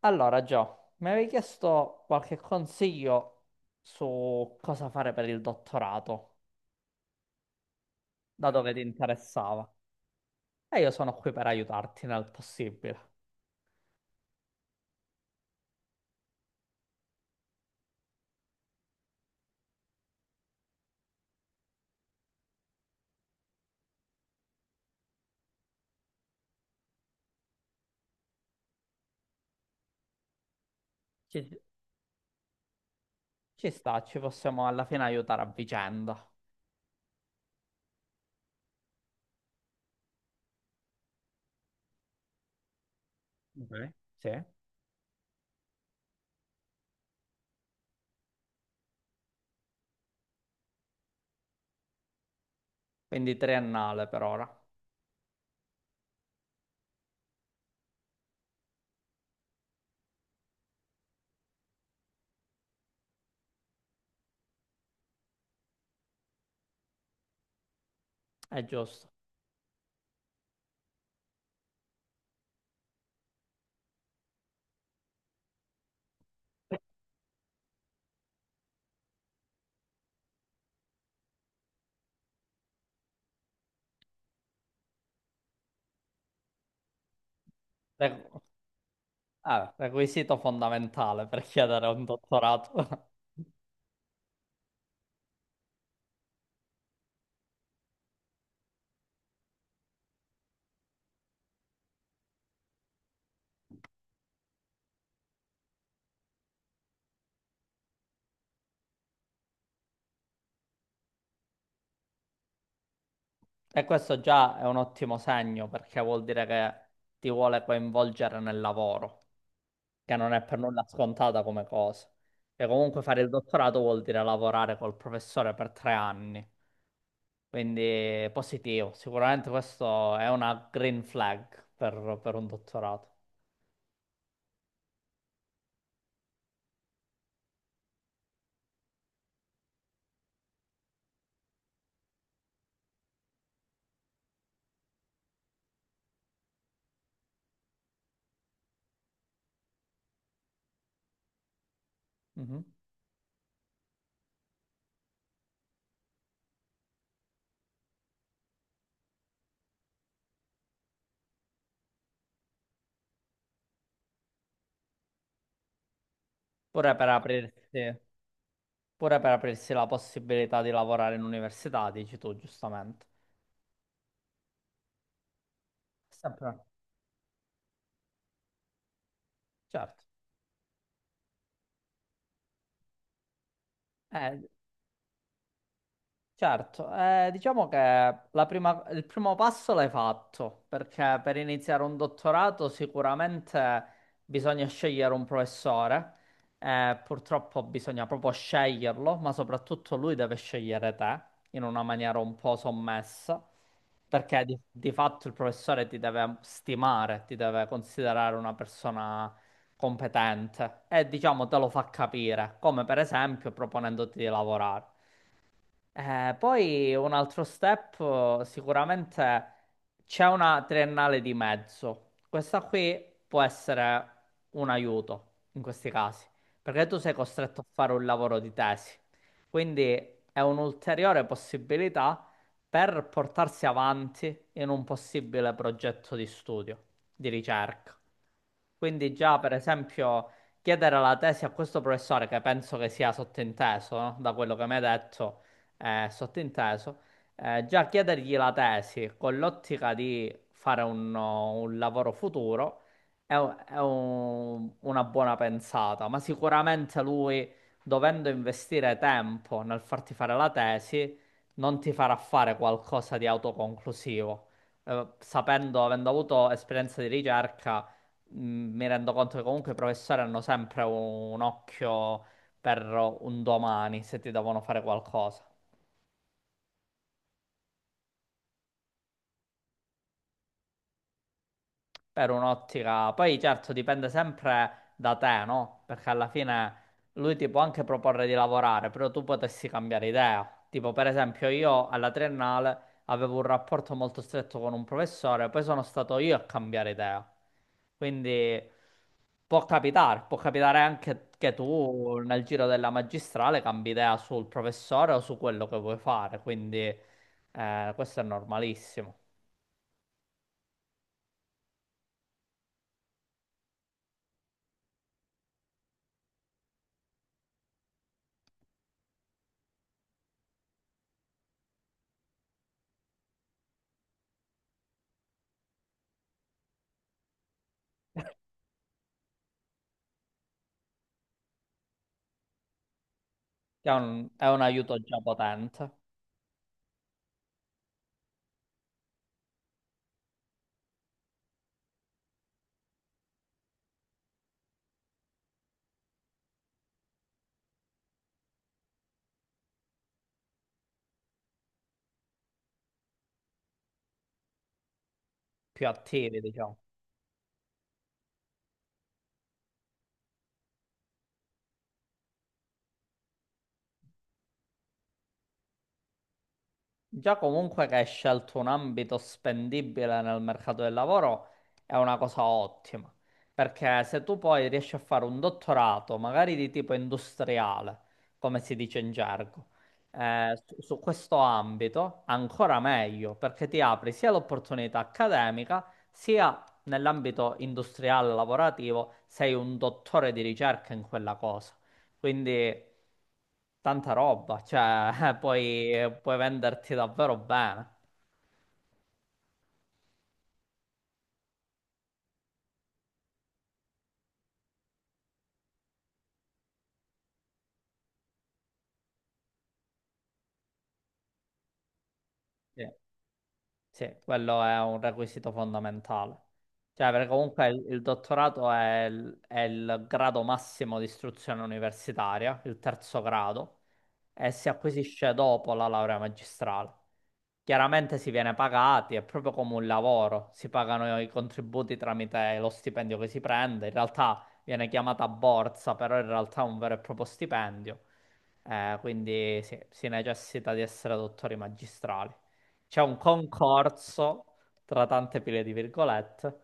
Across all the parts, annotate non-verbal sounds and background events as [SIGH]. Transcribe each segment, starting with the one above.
Allora, Gio, mi avevi chiesto qualche consiglio su cosa fare per il dottorato, da dove ti interessava. E io sono qui per aiutarti nel possibile. Ci, ci sta, ci possiamo alla fine aiutare a vicenda. Ok, sì. Quindi triennale per ora, è giusto. Re- Requisito fondamentale per chiedere un dottorato. [LAUGHS] E questo già è un ottimo segno perché vuol dire che ti vuole coinvolgere nel lavoro, che non è per nulla scontata come cosa. E comunque fare il dottorato vuol dire lavorare col professore per 3 anni. Quindi positivo, sicuramente questo è una green flag per un dottorato. Mhm. Pure per aprirsi, pure per aprirsi la possibilità di lavorare in università, dici tu, giustamente. Sempre, certo. Eh, Certo, diciamo che il primo passo l'hai fatto, perché per iniziare un dottorato sicuramente bisogna scegliere un professore, purtroppo bisogna proprio sceglierlo, ma soprattutto lui deve scegliere te in una maniera un po' sommessa, perché di fatto il professore ti deve stimare, ti deve considerare una persona competente e diciamo te lo fa capire, come per esempio proponendoti di lavorare. Poi un altro step, sicuramente c'è una triennale di mezzo. Questa qui può essere un aiuto in questi casi, perché tu sei costretto a fare un lavoro di tesi. Quindi è un'ulteriore possibilità per portarsi avanti in un possibile progetto di studio, di ricerca. Quindi già, per esempio, chiedere la tesi a questo professore, che penso che sia sottinteso, no? Da quello che mi hai detto, sottinteso, già chiedergli la tesi con l'ottica di fare un lavoro futuro è, una buona pensata, ma sicuramente lui, dovendo investire tempo nel farti fare la tesi, non ti farà fare qualcosa di autoconclusivo. Sapendo, avendo avuto esperienza di ricerca, mi rendo conto che comunque i professori hanno sempre un occhio per un domani se ti devono fare qualcosa. Per un'ottica, poi certo dipende sempre da te, no? Perché alla fine lui ti può anche proporre di lavorare, però tu potessi cambiare idea. Tipo, per esempio, io alla triennale avevo un rapporto molto stretto con un professore, poi sono stato io a cambiare idea. Quindi può capitare anche che tu nel giro della magistrale cambi idea sul professore o su quello che vuoi fare, quindi questo è normalissimo. È un aiuto già potente. Più attivi, diciamo. Già comunque che hai scelto un ambito spendibile nel mercato del lavoro è una cosa ottima, perché se tu poi riesci a fare un dottorato, magari di tipo industriale, come si dice in gergo, su questo ambito, ancora meglio, perché ti apri sia l'opportunità accademica, sia nell'ambito industriale lavorativo, sei un dottore di ricerca in quella cosa. Quindi tanta roba, cioè [LAUGHS] puoi venderti davvero bene. Sì. Sì, quello è un requisito fondamentale. Cioè, perché comunque il dottorato è è il grado massimo di istruzione universitaria, il terzo grado, e si acquisisce dopo la laurea magistrale. Chiaramente si viene pagati, è proprio come un lavoro, si pagano i contributi tramite lo stipendio che si prende, in realtà viene chiamata borsa, però in realtà è un vero e proprio stipendio. Quindi sì, si necessita di essere dottori magistrali. C'è un concorso tra tante pile di virgolette.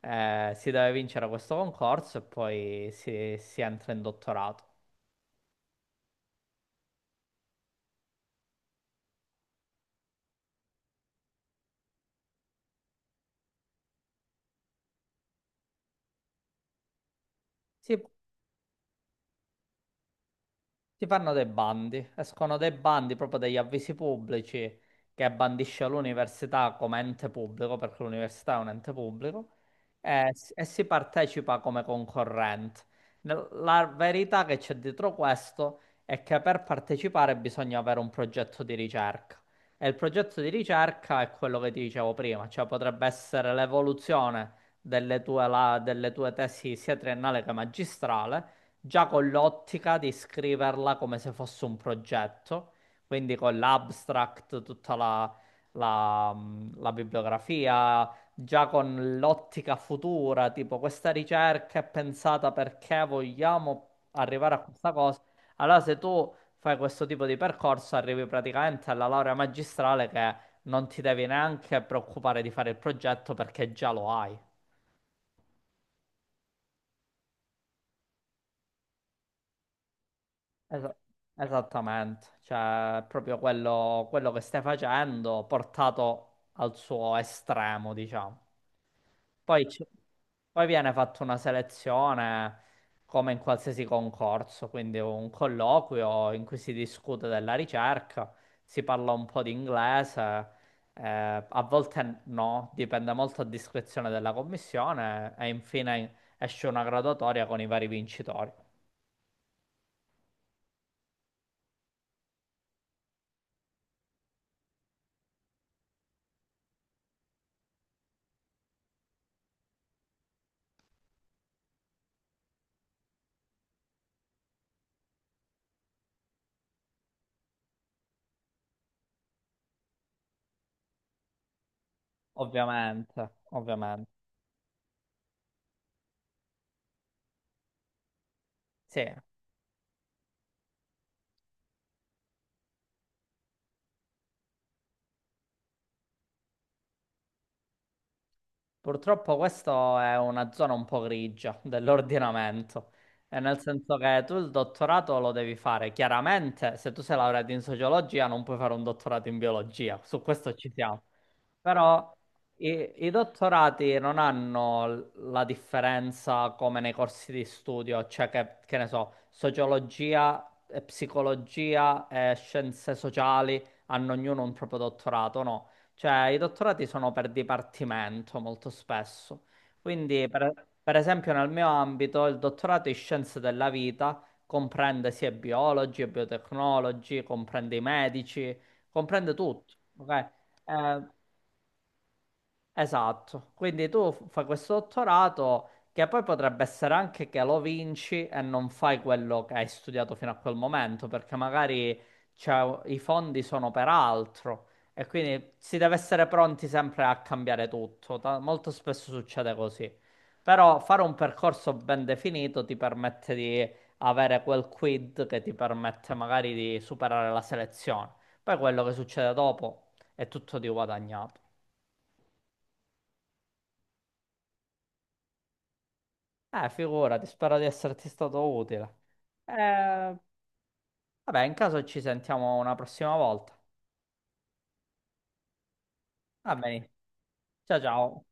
Eh, si deve vincere questo concorso e poi si entra in dottorato. Si Si fanno dei bandi, escono dei bandi proprio degli avvisi pubblici che bandisce l'università come ente pubblico, perché l'università è un ente pubblico, e si partecipa come concorrente. La verità che c'è dietro questo è che per partecipare bisogna avere un progetto di ricerca. E il progetto di ricerca è quello che ti dicevo prima, cioè potrebbe essere l'evoluzione delle tue tesi sia triennale che magistrale già con l'ottica di scriverla come se fosse un progetto, quindi con l'abstract, tutta la bibliografia, già con l'ottica futura, tipo questa ricerca è pensata perché vogliamo arrivare a questa cosa. Allora, se tu fai questo tipo di percorso, arrivi praticamente alla laurea magistrale che non ti devi neanche preoccupare di fare il progetto perché già lo hai. Es- Esattamente, cioè proprio quello che stai facendo portato al suo estremo, diciamo. Poi, ci- Poi viene fatta una selezione come in qualsiasi concorso, quindi un colloquio in cui si discute della ricerca, si parla un po' di inglese, a volte no, dipende molto a discrezione della commissione e infine esce una graduatoria con i vari vincitori. Ovviamente, ovviamente. Sì, purtroppo questa è una zona un po' grigia [LAUGHS] dell'ordinamento, e nel senso che tu il dottorato lo devi fare, chiaramente se tu sei laureato in sociologia non puoi fare un dottorato in biologia, su questo ci siamo, però i dottorati non hanno la differenza come nei corsi di studio, cioè che ne so, sociologia e psicologia e scienze sociali hanno ognuno un proprio dottorato, no? Cioè, i dottorati sono per dipartimento molto spesso. Quindi, per esempio, nel mio ambito, il dottorato in scienze della vita comprende sia biologi e biotecnologi, comprende i medici, comprende tutti. Ok? Eh, esatto, quindi tu fai questo dottorato che poi potrebbe essere anche che lo vinci e non fai quello che hai studiato fino a quel momento, perché magari i fondi sono per altro e quindi si deve essere pronti sempre a cambiare tutto. Molto spesso succede così. Però fare un percorso ben definito ti permette di avere quel quid che ti permette magari di superare la selezione. Poi quello che succede dopo è tutto di guadagnato. Figurati, spero di esserti stato utile. Eh, vabbè, in caso ci sentiamo una prossima volta. Va bene. Ciao ciao.